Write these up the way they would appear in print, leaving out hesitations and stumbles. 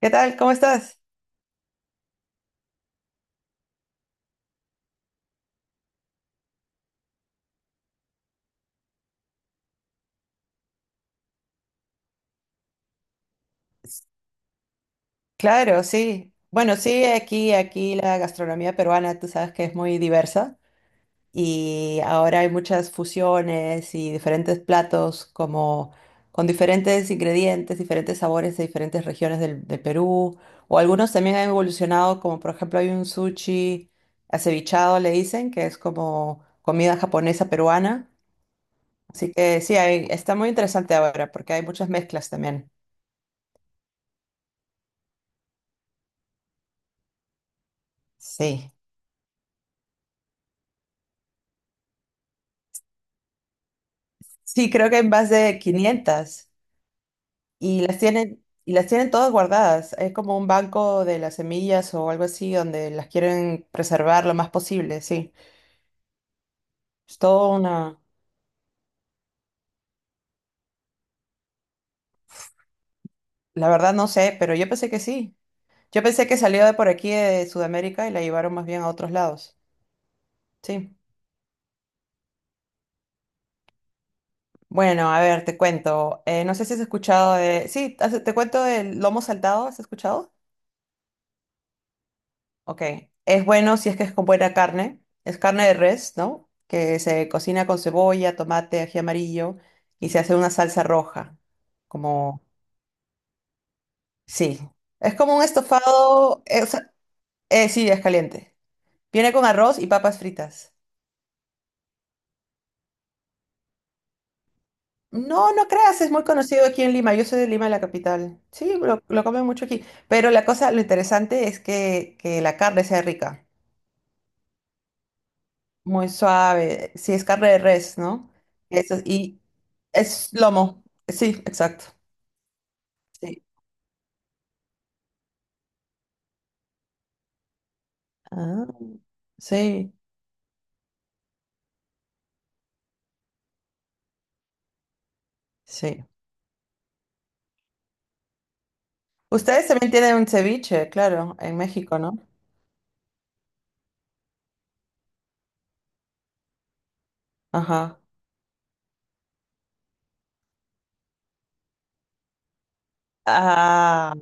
¿Qué tal? ¿Cómo estás? Claro, sí. Bueno, sí, aquí la gastronomía peruana, tú sabes que es muy diversa y ahora hay muchas fusiones y diferentes platos como con diferentes ingredientes, diferentes sabores de diferentes regiones del Perú o algunos también han evolucionado como por ejemplo hay un sushi acevichado le dicen que es como comida japonesa peruana. Así que sí, está muy interesante ahora porque hay muchas mezclas también. Sí. Sí, creo que hay más de 500 y las tienen y las tienen todas guardadas. Es como un banco de las semillas o algo así donde las quieren preservar lo más posible, sí. Es todo una... La verdad no sé, pero yo pensé que sí. Yo pensé que salió de por aquí de Sudamérica y la llevaron más bien a otros lados. Sí. Bueno, a ver, te cuento. No sé si has escuchado de... Sí, te cuento del lomo saltado, ¿has escuchado? Ok, es bueno si es que es con buena carne. Es carne de res, ¿no? Que se cocina con cebolla, tomate, ají amarillo y se hace una salsa roja. Como, sí. Es como un estofado. O sea, sí, es caliente. Viene con arroz y papas fritas. No, no creas, es muy conocido aquí en Lima. Yo soy de Lima, la capital. Sí, lo comen mucho aquí. Pero la cosa, lo interesante es que la carne sea rica. Muy suave. Sí, es carne de res, ¿no? Eso, y es lomo. Sí, exacto. Sí. Ah, sí, sí. Ustedes también tienen un ceviche, claro, en México, ¿no? Ajá. Ah,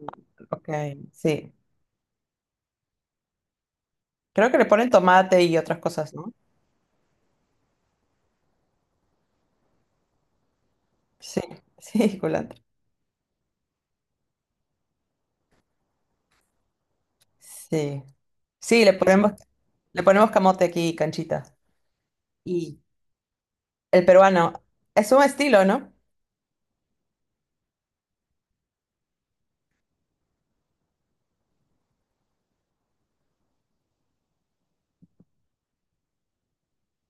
ok, sí. Creo que le ponen tomate y otras cosas, ¿no? Sí, sí, culantro. Sí. Sí, le ponemos camote aquí, canchita. Y el peruano, es un estilo, ¿no?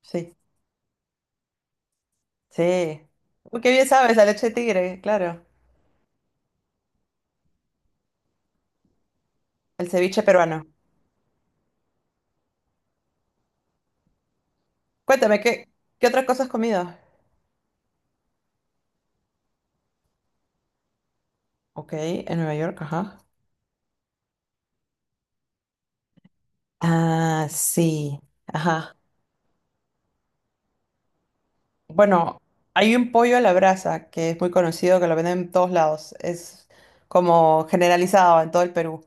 Sí. Sí. Uy, qué bien sabes, la leche de tigre, claro. El ceviche peruano. Cuéntame, ¿qué, qué otras cosas has comido? Ok, en Nueva York, ajá. Ah, sí, ajá. Bueno, hay un pollo a la brasa que es muy conocido, que lo venden en todos lados. Es como generalizado en todo el Perú.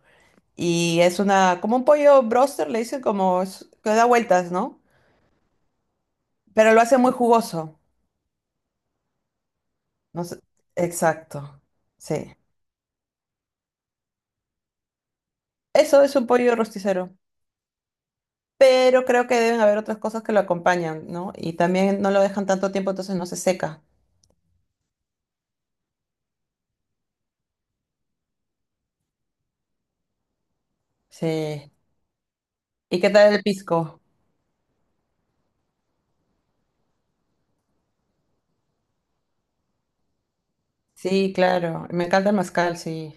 Y es una, como un pollo broster, le dicen como, que da vueltas, ¿no? Pero lo hace muy jugoso. No sé- Exacto, sí. Eso es un pollo rosticero. Pero creo que deben haber otras cosas que lo acompañan, ¿no? Y también no lo dejan tanto tiempo, entonces no se seca. Sí. ¿Y qué tal el pisco? Sí, claro. Me encanta el mezcal, sí.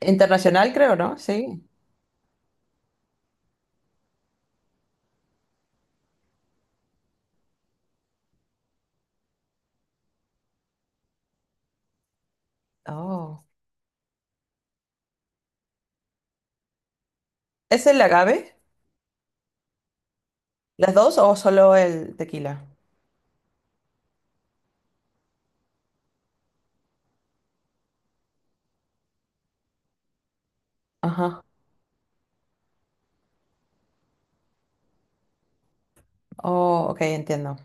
Internacional, creo, ¿no? Sí. Oh. ¿Es el agave? ¿Las dos o solo el tequila? Ajá. Oh, ok, entiendo.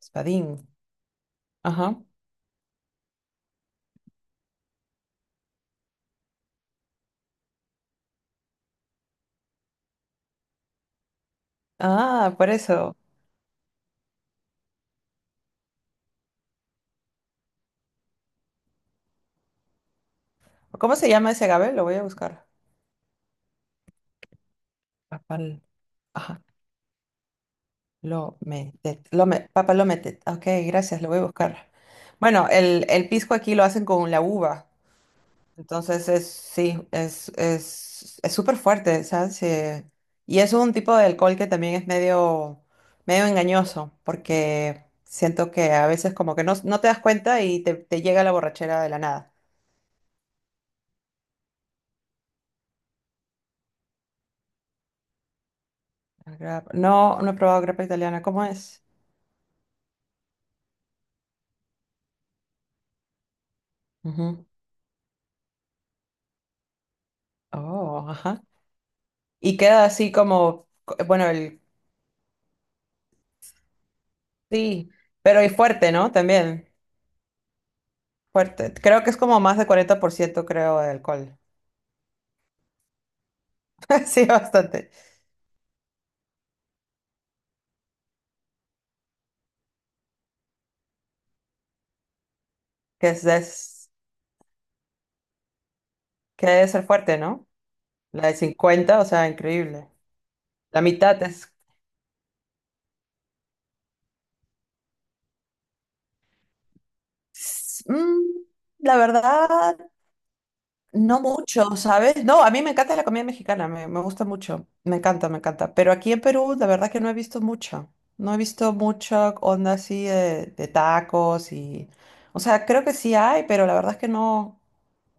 Espadín. Ajá. Ah, por eso. ¿Cómo se llama ese agave? Lo voy a buscar. Papal. Lometet, lome, papa lometet. Ok, gracias, lo voy a buscar. Bueno, el pisco aquí lo hacen con la uva. Entonces es, sí, es súper fuerte, ¿sabes? Y es un tipo de alcohol que también es medio, medio engañoso, porque siento que a veces como que no, no te das cuenta y te llega la borrachera de la nada. No, no he probado grapa italiana, ¿cómo es? Ujú. Oh, ajá. Y queda así como, bueno. Sí, pero y fuerte, ¿no? También, fuerte. Creo que es como más de 40%, creo, de alcohol. Sí, bastante. Que es, es- que debe ser fuerte, ¿no? La de 50, o sea, increíble. La mitad es... s- mm, la verdad, no mucho, ¿sabes? No, a mí me encanta la comida mexicana, me gusta mucho, me encanta, me encanta. Pero aquí en Perú, la verdad que no he visto mucho, no he visto mucha onda así de tacos y... O sea, creo que sí hay, pero la verdad es que no,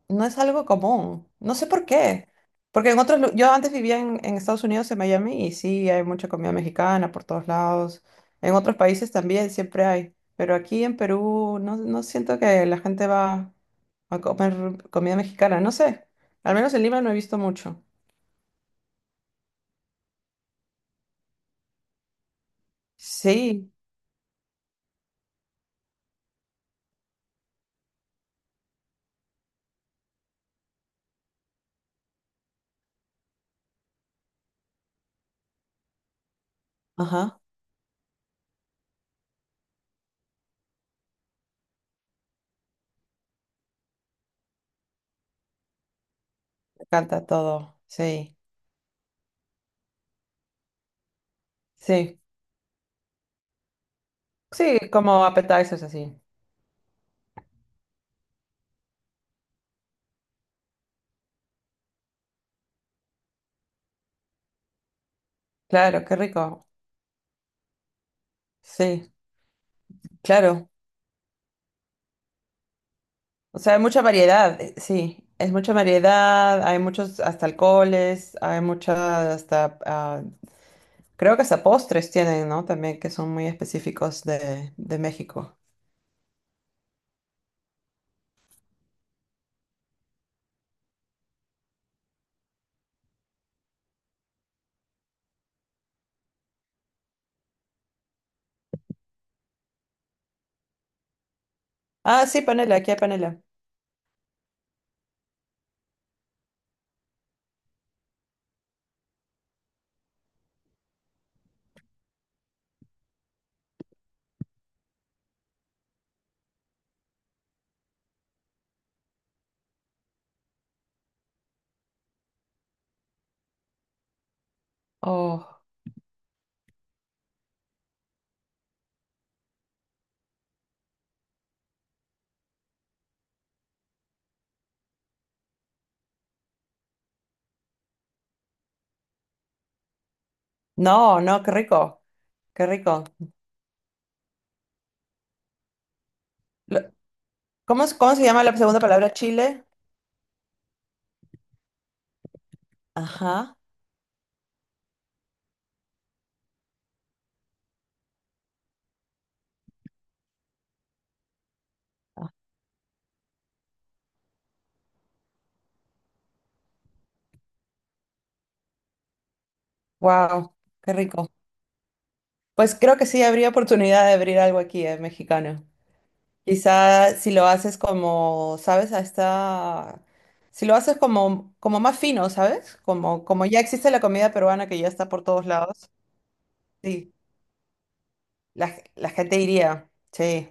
no es algo común. No sé por qué. Porque en otros, yo antes vivía en Estados Unidos, en Miami, y sí hay mucha comida mexicana por todos lados. En otros países también siempre hay, pero aquí en Perú no, no siento que la gente va a comer comida mexicana, no sé. Al menos en Lima no he visto mucho. Sí, ajá, me encanta todo. Sí, sí, sí, como appetizers así. Claro, qué rico. Sí, claro. O sea, hay mucha variedad, sí. Es mucha variedad, hay muchos hasta alcoholes, hay muchas hasta, ah, creo que hasta postres tienen, ¿no? También que son muy específicos de México. Ah, sí, panela, aquí hay panela. Oh, no, no, qué rico, qué rico. Lo- ¿Cómo, cómo se llama la segunda palabra? Chile. Ajá. Wow, qué rico. Pues creo que sí habría oportunidad de abrir algo aquí, mexicano. Quizá si lo haces como, ¿sabes? A esta... Si lo haces como, como más fino, ¿sabes? Como, como ya existe la comida peruana que ya está por todos lados. Sí, la gente iría, sí.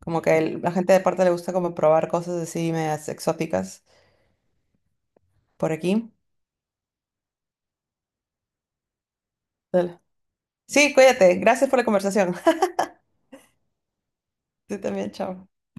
Como que la gente de parte le gusta como probar cosas así medias exóticas por aquí. Dale. Sí, cuídate. Gracias por la conversación. Tú también, chao.